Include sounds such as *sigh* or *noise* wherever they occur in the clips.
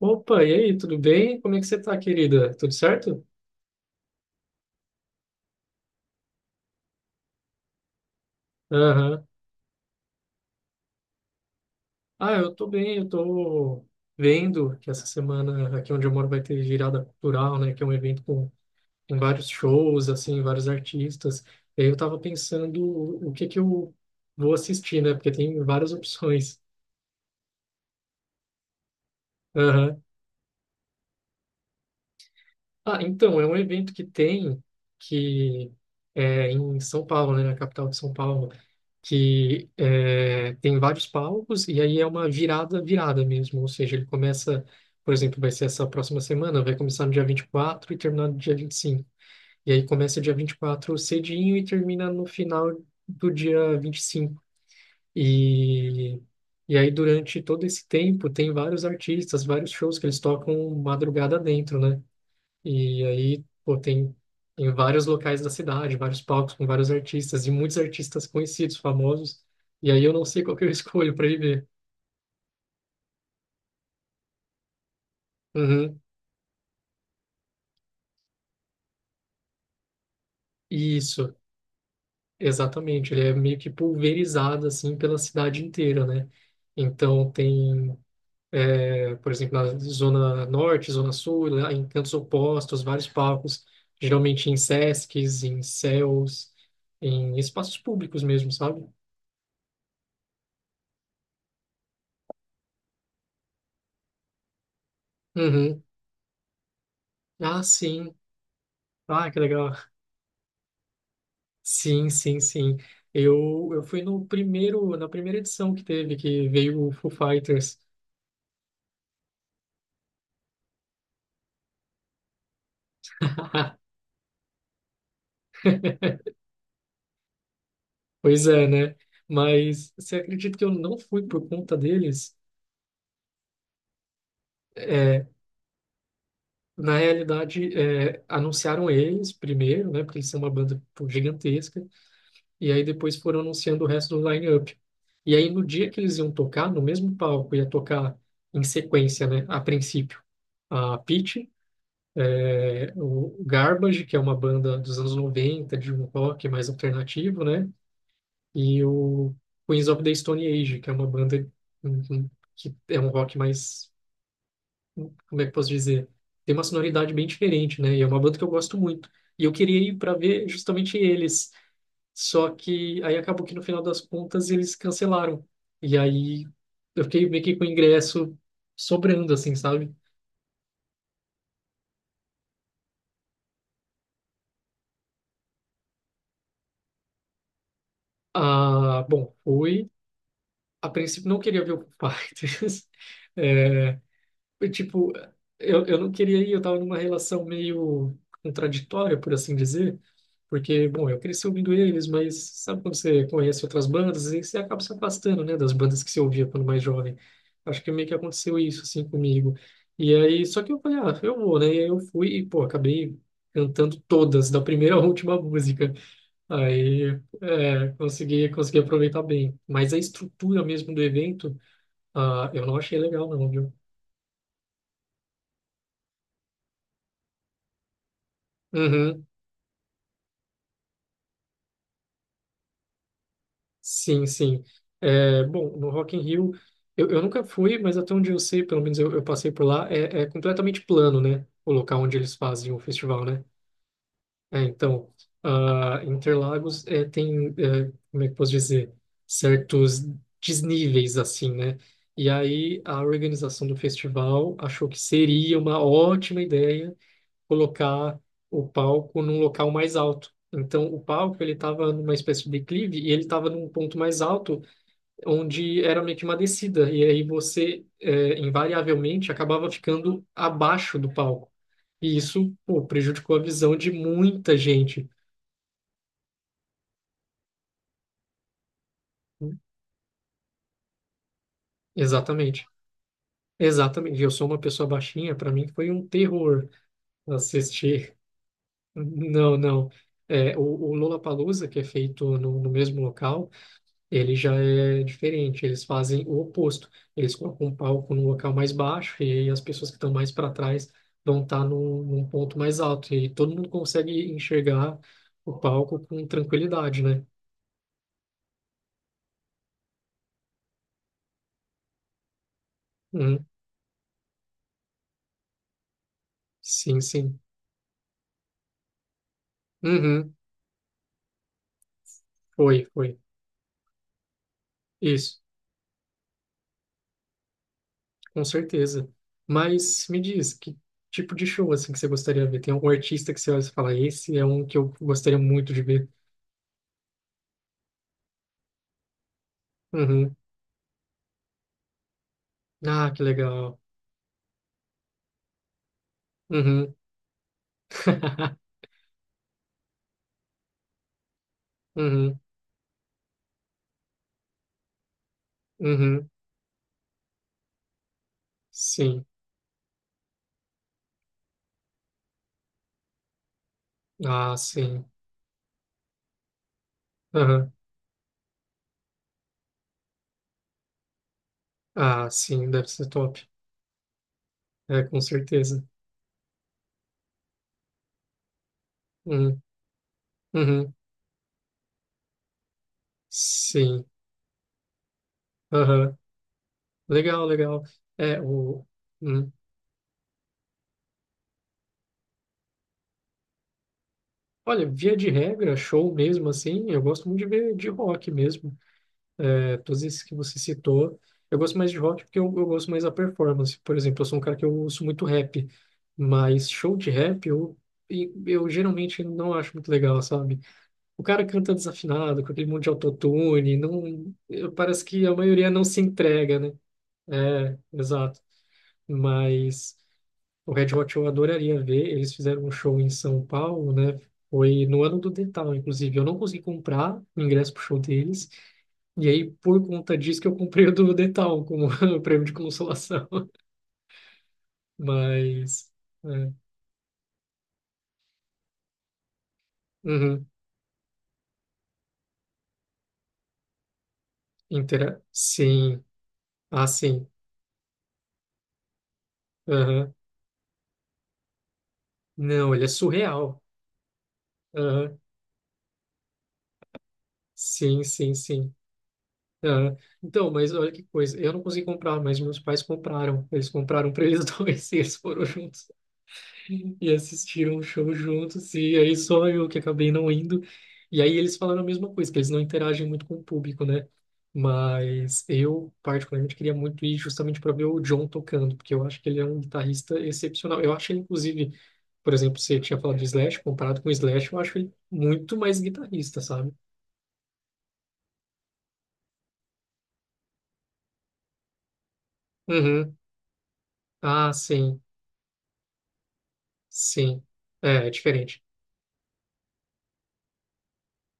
Opa, e aí, tudo bem? Como é que você tá, querida? Tudo certo? Aham. Ah, eu tô bem, eu tô vendo que essa semana aqui onde eu moro vai ter virada cultural, né? Que é um evento com vários shows, assim, vários artistas. E aí eu tava pensando o que que eu vou assistir, né? Porque tem várias opções. Aham. Ah, então, é um evento que tem que é em São Paulo, né, na capital de São Paulo, tem vários palcos e aí é uma virada, virada mesmo, ou seja, ele começa, por exemplo, vai ser essa próxima semana, vai começar no dia 24 e terminar no dia 25. E aí começa dia 24 cedinho e termina no final do dia 25. E e aí, durante todo esse tempo, tem vários artistas, vários shows que eles tocam madrugada dentro, né? E aí, pô, tem em vários locais da cidade, vários palcos com vários artistas e muitos artistas conhecidos, famosos. E aí eu não sei qual que eu *laughs* escolho para ir ver. Uhum. Isso, exatamente. Ele é meio que pulverizado assim pela cidade inteira, né? Então tem, é, por exemplo, na zona norte, zona sul, lá em cantos opostos, vários palcos, geralmente em sescs, em CELs, em espaços públicos mesmo, sabe? Uhum. Ah, sim. Ah, que legal. Sim, sim, sim. Eu fui no primeiro, na primeira edição que teve, que veio o Foo Fighters. *laughs* Pois é, né? Mas você acredita que eu não fui por conta deles? É, na realidade, anunciaram eles primeiro, né? Porque eles são uma banda pô, gigantesca. E aí depois foram anunciando o resto do line-up. E aí no dia que eles iam tocar, no mesmo palco, ia tocar em sequência, né? A princípio, a Pitty. É, o Garbage, que é uma banda dos anos 90, de um rock mais alternativo, né? E o Queens of the Stone Age, que é uma banda, uhum, que é um rock mais, como é que eu posso dizer? Tem uma sonoridade bem diferente, né? E é uma banda que eu gosto muito. E eu queria ir para ver justamente eles. Só que aí acabou que no final das contas eles cancelaram. E aí eu fiquei meio que com o ingresso sobrando, assim, sabe? Ah, bom, fui. A princípio não queria ver o Foo Fighters. *laughs* É, eu, tipo, eu não queria ir, eu tava numa relação meio contraditória, por assim dizer, porque, bom, eu cresci ouvindo eles, mas sabe quando você conhece outras bandas e você acaba se afastando, né, das bandas que você ouvia quando mais jovem. Acho que meio que aconteceu isso, assim, comigo. E aí, só que eu falei, ah, eu vou, né? E aí eu fui e, pô, acabei cantando todas, da primeira à última música. Aí é, consegui aproveitar bem. Mas a estrutura mesmo do evento, ah, eu não achei legal não, viu? Uhum, sim, sim. É, bom, no Rock in Rio, eu nunca fui, mas até onde eu sei, pelo menos eu passei por lá, é completamente plano, né? O local onde eles fazem o festival, né? É, então, ah, Interlagos tem, como é que eu posso dizer, certos desníveis, assim, né? E aí a organização do festival achou que seria uma ótima ideia colocar o palco num local mais alto. Então, o palco, ele estava numa espécie de declive e ele estava num ponto mais alto, onde era meio que uma descida. E aí você, invariavelmente, acabava ficando abaixo do palco. E isso, pô, prejudicou a visão de muita gente. Exatamente. Exatamente. Eu sou uma pessoa baixinha, para mim foi um terror assistir. Não, não. É, o Lollapalooza, que é feito no mesmo local, ele já é diferente. Eles fazem o oposto. Eles colocam um palco num local mais baixo e aí as pessoas que estão mais para trás vão estar num ponto mais alto. E aí todo mundo consegue enxergar o palco com tranquilidade, né? Uhum. Sim, sim. Uhum. Foi, foi. Isso. Com certeza. Mas me diz, que tipo de show assim que você gostaria de ver? Tem algum artista que você olha e fala, esse é um que eu gostaria muito de ver. Uhum. Ah, que legal. Uhum. *laughs* Uhum. Uhum. Sim. Ah, sim. Uhum. Ah, sim, deve ser top. É, com certeza. Uhum. Uhum. Sim. Uhum. Legal, legal. É, o... uhum. Olha, via de regra, show mesmo assim, eu gosto muito de ver de rock mesmo. É, todos esses que você citou. Eu gosto mais de rock porque eu gosto mais da performance. Por exemplo, eu sou um cara que eu ouço muito rap, mas show de rap eu geralmente não acho muito legal, sabe? O cara canta desafinado, com aquele monte de autotune, não, parece que a maioria não se entrega, né? É, exato. Mas o Red Hot eu adoraria ver. Eles fizeram um show em São Paulo, né? Foi no ano do Detal, inclusive. Eu não consegui comprar o ingresso pro show deles, e aí, por conta disso, que eu comprei o do Detal como *laughs* prêmio de consolação. *laughs* Mas. É. Uhum. Intera... Sim. Ah, sim. Aham. Não, ele é surreal. Aham. Sim, sim, sim. Aham. Então, mas olha que coisa. Eu não consegui comprar, mas meus pais compraram. Eles compraram para eles *laughs* dois e eles foram juntos. E assistiram o show juntos, e aí só eu que acabei não indo. E aí eles falaram a mesma coisa, que eles não interagem muito com o público, né? Mas eu, particularmente, queria muito ir justamente para ver o John tocando, porque eu acho que ele é um guitarrista excepcional. Eu acho ele, inclusive, por exemplo, você tinha falado de Slash, comparado com o Slash, eu acho ele muito mais guitarrista, sabe? Uhum. Ah, sim, sim. É, é diferente.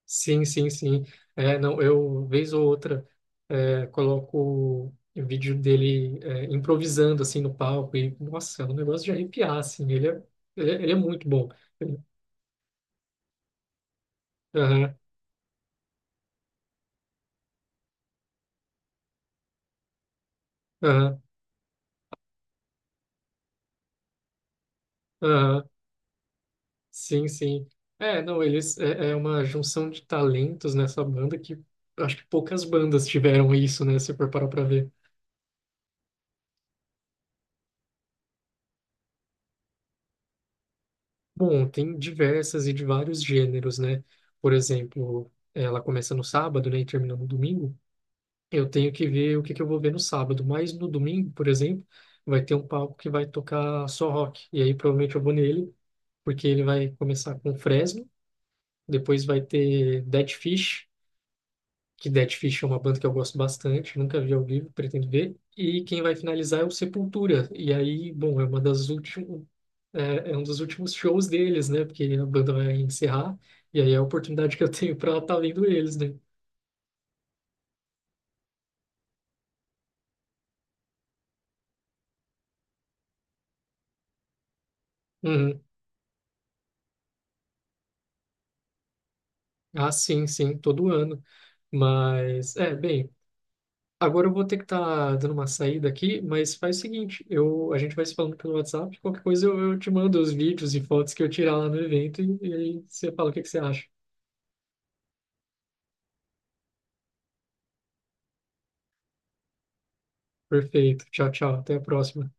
Sim, sim, sim. É, não, eu, vez ou outra, coloco o vídeo dele, improvisando, assim, no palco e, nossa, é um negócio de arrepiar, assim, ele é muito bom. Ele- Aham, aham, aham, sim, sim. É, não, eles, é uma junção de talentos nessa banda que acho que poucas bandas tiveram isso, né, se for parar pra ver. Bom, tem diversas e de vários gêneros, né? Por exemplo, ela começa no sábado, né, e termina no domingo. Eu tenho que ver o que que eu vou ver no sábado, mas no domingo, por exemplo, vai ter um palco que vai tocar só rock. E aí provavelmente eu vou nele, porque ele vai começar com Fresno, depois vai ter Dead Fish, que Dead Fish é uma banda que eu gosto bastante, nunca vi ao vivo, pretendo ver. E quem vai finalizar é o Sepultura. E aí, bom, é uma das últimas, é, é um dos últimos shows deles, né? Porque a banda vai encerrar, e aí é a oportunidade que eu tenho para estar vendo eles, né? Uhum. Ah, sim, sim, todo ano. Mas, é, bem, agora eu vou ter que estar dando uma saída aqui, mas faz o seguinte, eu, a gente vai se falando pelo WhatsApp, qualquer coisa eu, te mando os vídeos e fotos que eu tirar lá no evento e aí você fala o que que você acha. Perfeito, tchau, tchau, até a próxima.